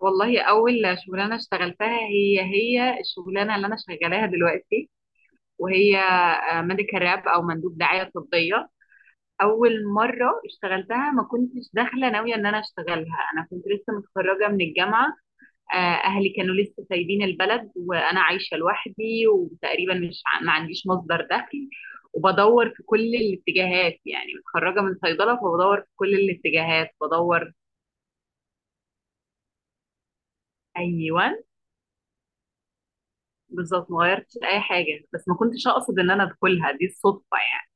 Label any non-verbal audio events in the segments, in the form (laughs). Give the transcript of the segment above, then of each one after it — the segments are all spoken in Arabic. والله اول شغلانه اشتغلتها هي الشغلانه اللي انا شغالاها دلوقتي، وهي ميديكال راب او مندوب دعايه طبيه. اول مره اشتغلتها ما كنتش داخله ناويه ان انا اشتغلها، انا كنت لسه متخرجه من الجامعه. آه، اهلي كانوا لسه سايبين البلد وانا عايشه لوحدي، وتقريبا مش ما عنديش مصدر دخل، وبدور في كل الاتجاهات، يعني متخرجه من صيدله فبدور في كل الاتجاهات بدور. ايوه، بالظبط ما غيرتش اي حاجه، بس ما كنتش اقصد ان انا ادخلها، دي الصدفه يعني.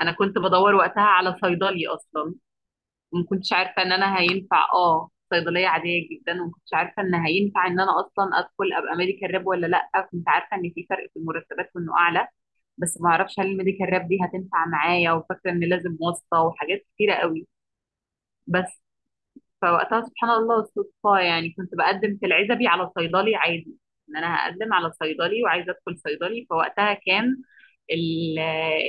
انا كنت بدور وقتها على صيدلي اصلا، وما كنتش عارفه ان انا هينفع صيدليه عاديه جدا، وما كنتش عارفه ان هينفع ان انا اصلا ادخل ابقى ميديكال راب ولا لا. كنت عارفه ان في فرق في المرتبات وانه اعلى، بس ما اعرفش هل الميديكال راب دي هتنفع معايا، وفاكره ان لازم واسطه وحاجات كتيره قوي. بس فوقتها سبحان الله صدفة، يعني كنت بقدم في العزبي على صيدلي عادي، ان انا هقدم على صيدلي وعايزة ادخل صيدلي. فوقتها كان ال-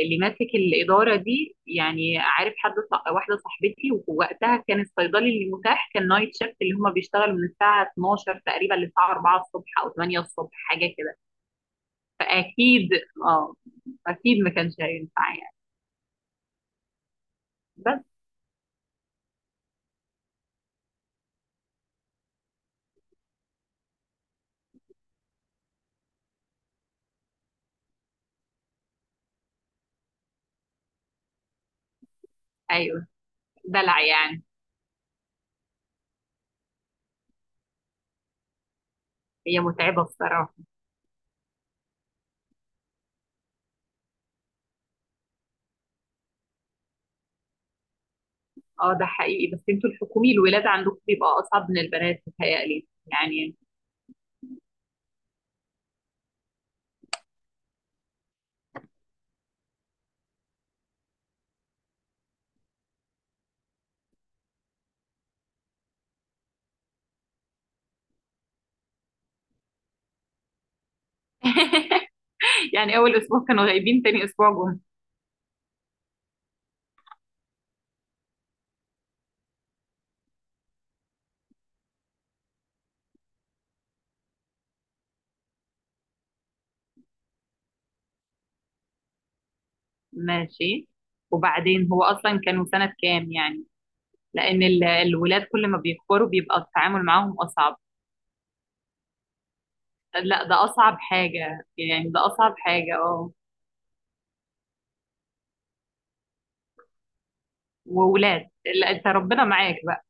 اللي ماسك الإدارة دي، يعني عارف حد واحدة صاحبتي، ووقتها كان الصيدلي اللي متاح كان نايت شيفت، اللي هما بيشتغلوا من الساعة 12 تقريبا للساعة 4 الصبح أو 8 الصبح حاجة كده. فأكيد اه أكيد ما كانش هينفع يعني. بس أيوه، دلع يعني. هي متعبة. اه، ده حقيقي، بس انتوا الحكومي الولاد عندكم بيبقى اصعب من البنات، متهيألي يعني. (laughs) يعني اول اسبوع كانوا غايبين، تاني اسبوع جم. ماشي، وبعدين هو اصلا كانوا سنة كام يعني؟ لان الولاد كل ما بيكبروا بيبقى التعامل معاهم اصعب. لا ده اصعب حاجة يعني، ده اصعب حاجة، اه. وولاد، لا انت ربنا معاك بقى.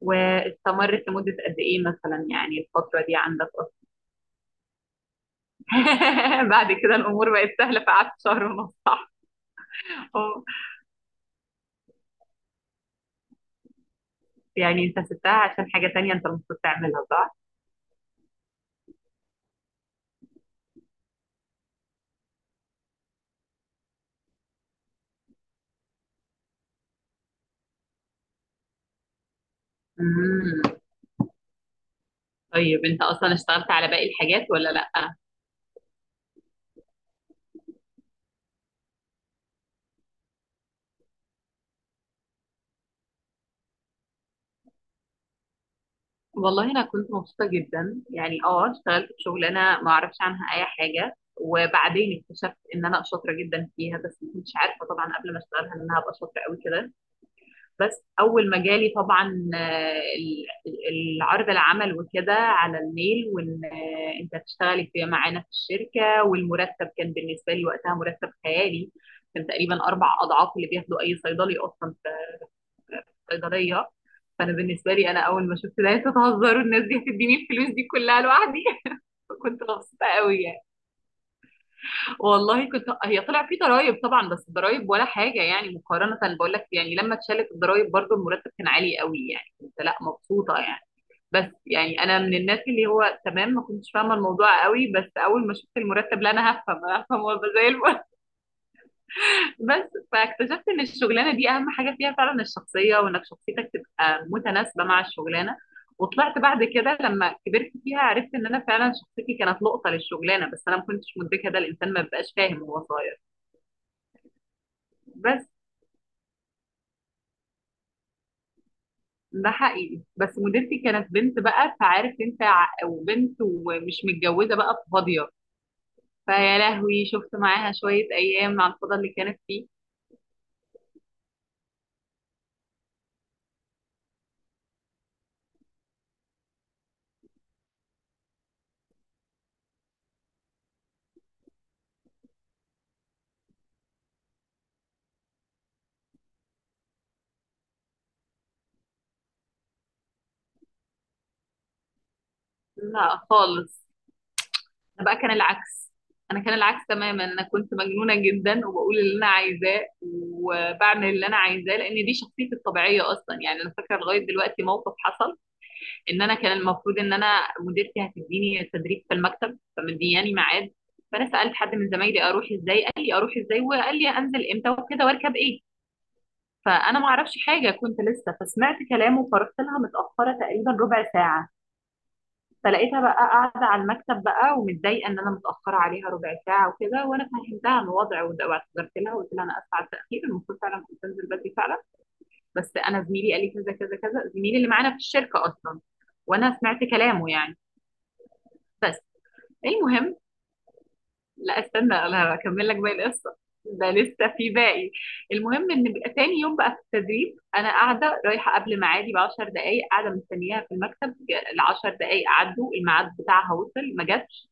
واستمرت لمدة قد ايه مثلا يعني الفترة دي عندك؟ اصلا (laughs) بعد كده الامور بقت سهلة، في قعدت شهر ونص صح؟ يعني انت سبتها عشان حاجة تانية انت المفروض تعملها صح؟ امم. طيب انت اصلا اشتغلت على باقي الحاجات ولا لا؟ والله انا كنت مبسوطة جدا يعني، اه اشتغلت في شغلانة ما اعرفش عنها اي حاجة، وبعدين اكتشفت ان انا شاطرة جدا فيها، بس ما كنتش عارفة طبعا قبل ما اشتغلها ان انا هبقى شاطرة قوي كده. بس اول ما جالي طبعا العرض العمل وكده على الميل، وان انت هتشتغلي في معانا في الشركه، والمرتب كان بالنسبه لي وقتها مرتب خيالي. كان تقريبا اربع اضعاف اللي بياخده اي صيدلي اصلا في الصيدليه. فانا بالنسبه لي انا اول ما شفت ده، انتوا تهزروا، الناس دي هتديني الفلوس دي كلها لوحدي؟ (laughs) فكنت مبسوطه قوي يعني. والله كنت، هي طلع في ضرايب طبعا، بس الضرايب ولا حاجه يعني مقارنه، بقول لك يعني لما اتشالت الضرايب برضو المرتب كان عالي قوي، يعني كنت لا مبسوطه يعني. بس يعني انا من الناس اللي هو تمام، ما كنتش فاهمه الموضوع قوي، بس اول ما شفت المرتب لا، انا هفهم، انا هفهم وابقى زي الفل. (laughs) بس فاكتشفت ان الشغلانه دي اهم حاجه فيها فعلا الشخصيه، وانك شخصيتك تبقى متناسبه مع الشغلانه. وطلعت بعد كده لما كبرت فيها عرفت ان انا فعلا شخصيتي كانت لقطه للشغلانه، بس انا ما كنتش مدركه، ده الانسان ما بيبقاش فاهم وهو صغير. بس ده حقيقي، بس مديرتي كانت بنت بقى، فعارف انت وبنت ومش متجوزه بقى فاضيه، فيا لهوي شفت معاها شويه ايام على الفضا اللي كانت فيه. لا خالص. انا بقى كان العكس، انا كان العكس تماما، انا كنت مجنونه جدا وبقول اللي انا عايزاه وبعمل اللي انا عايزاه، لان دي شخصيتي الطبيعيه اصلا يعني. انا فاكره لغايه دلوقتي موقف حصل، ان انا كان المفروض ان انا مديرتي هتديني تدريب في المكتب، فمدياني ميعاد. فانا سالت حد من زمايلي اروح ازاي، قال لي اروح ازاي، وقال لي انزل امتى وكده واركب ايه. فانا ما اعرفش حاجه كنت لسه، فسمعت كلامه فرحت لها متاخره تقريبا ربع ساعه. فلقيتها بقى قاعده على المكتب بقى، ومتضايقه ان انا متاخره عليها ربع ساعه وكده، وانا فهمتها من الوضع واعتذرت لها وقلت لها انا اسفه على التاخير، المفروض فعلا كنت انزل بدري فعلا، بس انا زميلي قال لي كذا كذا كذا، زميلي اللي معانا في الشركه اصلا، وانا سمعت كلامه يعني. بس المهم، لا استنى انا هكمل لك باقي القصه، ده لسه في باقي. المهم ان بقى تاني يوم بقى في التدريب، انا قاعده رايحه قبل ميعادي ب 10 دقائق، قاعده مستنياها في المكتب. ال 10 دقائق عدوا الميعاد بتاعها وصل ما جاتش،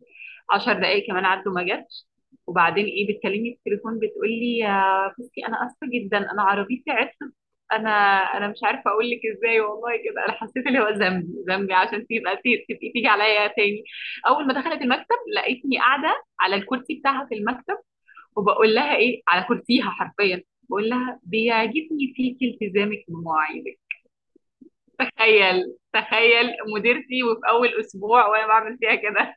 10 دقائق كمان عدوا ما جاتش. وبعدين ايه، بتكلمني في التليفون بتقول لي يا بصي انا اسفه جدا، انا عربيتي عطلت. انا انا مش عارفه اقول لك ازاي، والله كده انا حسيت اللي هو ذنبي، ذنبي عشان تبقى تبقي تيجي عليا تاني. اول ما دخلت المكتب لقيتني قاعده على الكرسي بتاعها في المكتب، وبقول لها ايه على كرسيها حرفيا، بقول لها بيعجبني فيكي التزامك بمواعيدك. تخيل، تخيل، مديرتي وفي اول اسبوع وانا بعمل فيها كده.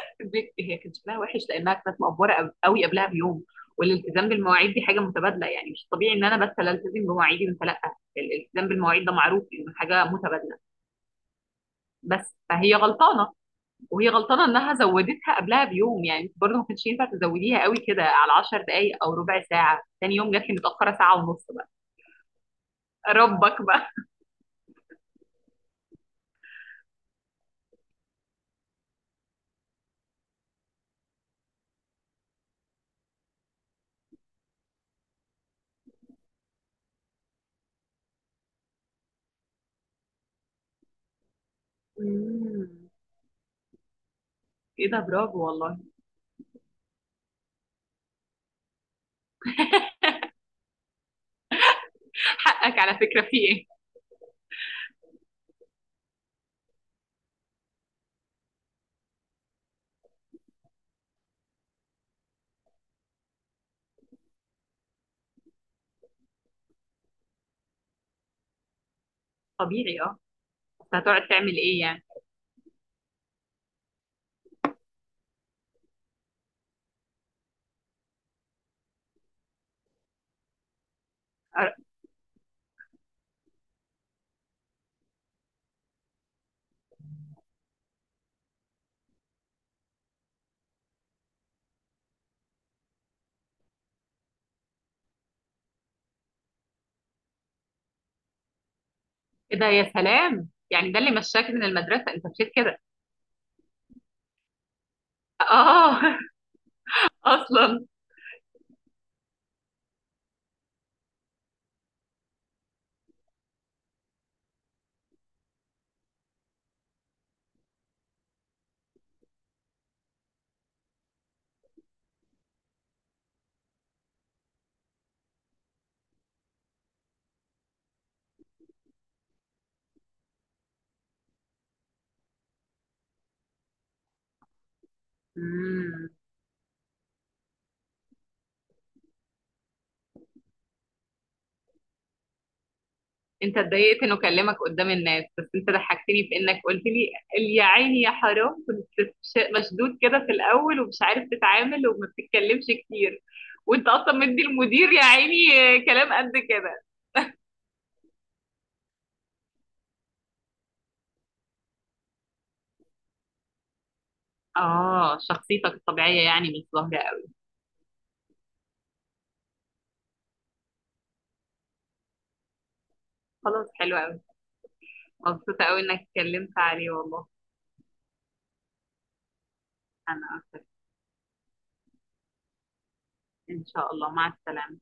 (laughs) هي كان شكلها وحش لانها كانت مقفوره قوي قبلها بيوم. والالتزام بالمواعيد دي حاجه متبادله، يعني مش طبيعي ان انا بس لا التزم بمواعيدي وانت لا، الالتزام بالمواعيد ده معروف انه حاجه متبادله. بس فهي غلطانه، وهي غلطانه انها زودتها قبلها بيوم، يعني انت برضه ما كانش ينفع تزوديها قوي كده على 10 دقائق او ربع ساعه، تاني يوم جات لي متاخره ساعه ونص بقى. ربك بقى. مم. ايه ده، برافو والله. حقك على فكره في ايه. طبيعي اه. بس هتقعد تعمل ايه يعني. أر- ايه ده يا سلام، يعني ده اللي مشاك من المدرسه انت مشيت كده؟ اه (laughs) اصلا. مم. انت اتضايقت انه كلمك قدام الناس، بس انت ضحكتني بانك قلت لي يا عيني يا حرام، كنت مشدود كده في الاول ومش عارف تتعامل وما بتتكلمش كتير، وانت اصلا مدي المدير يا عيني كلام قد كده. اه شخصيتك الطبيعية يعني مش ظاهرة قوي. خلاص حلو قوي. مبسوطة قوي انك اتكلمت عليه والله. انا اكتر. ان شاء الله، مع السلامة.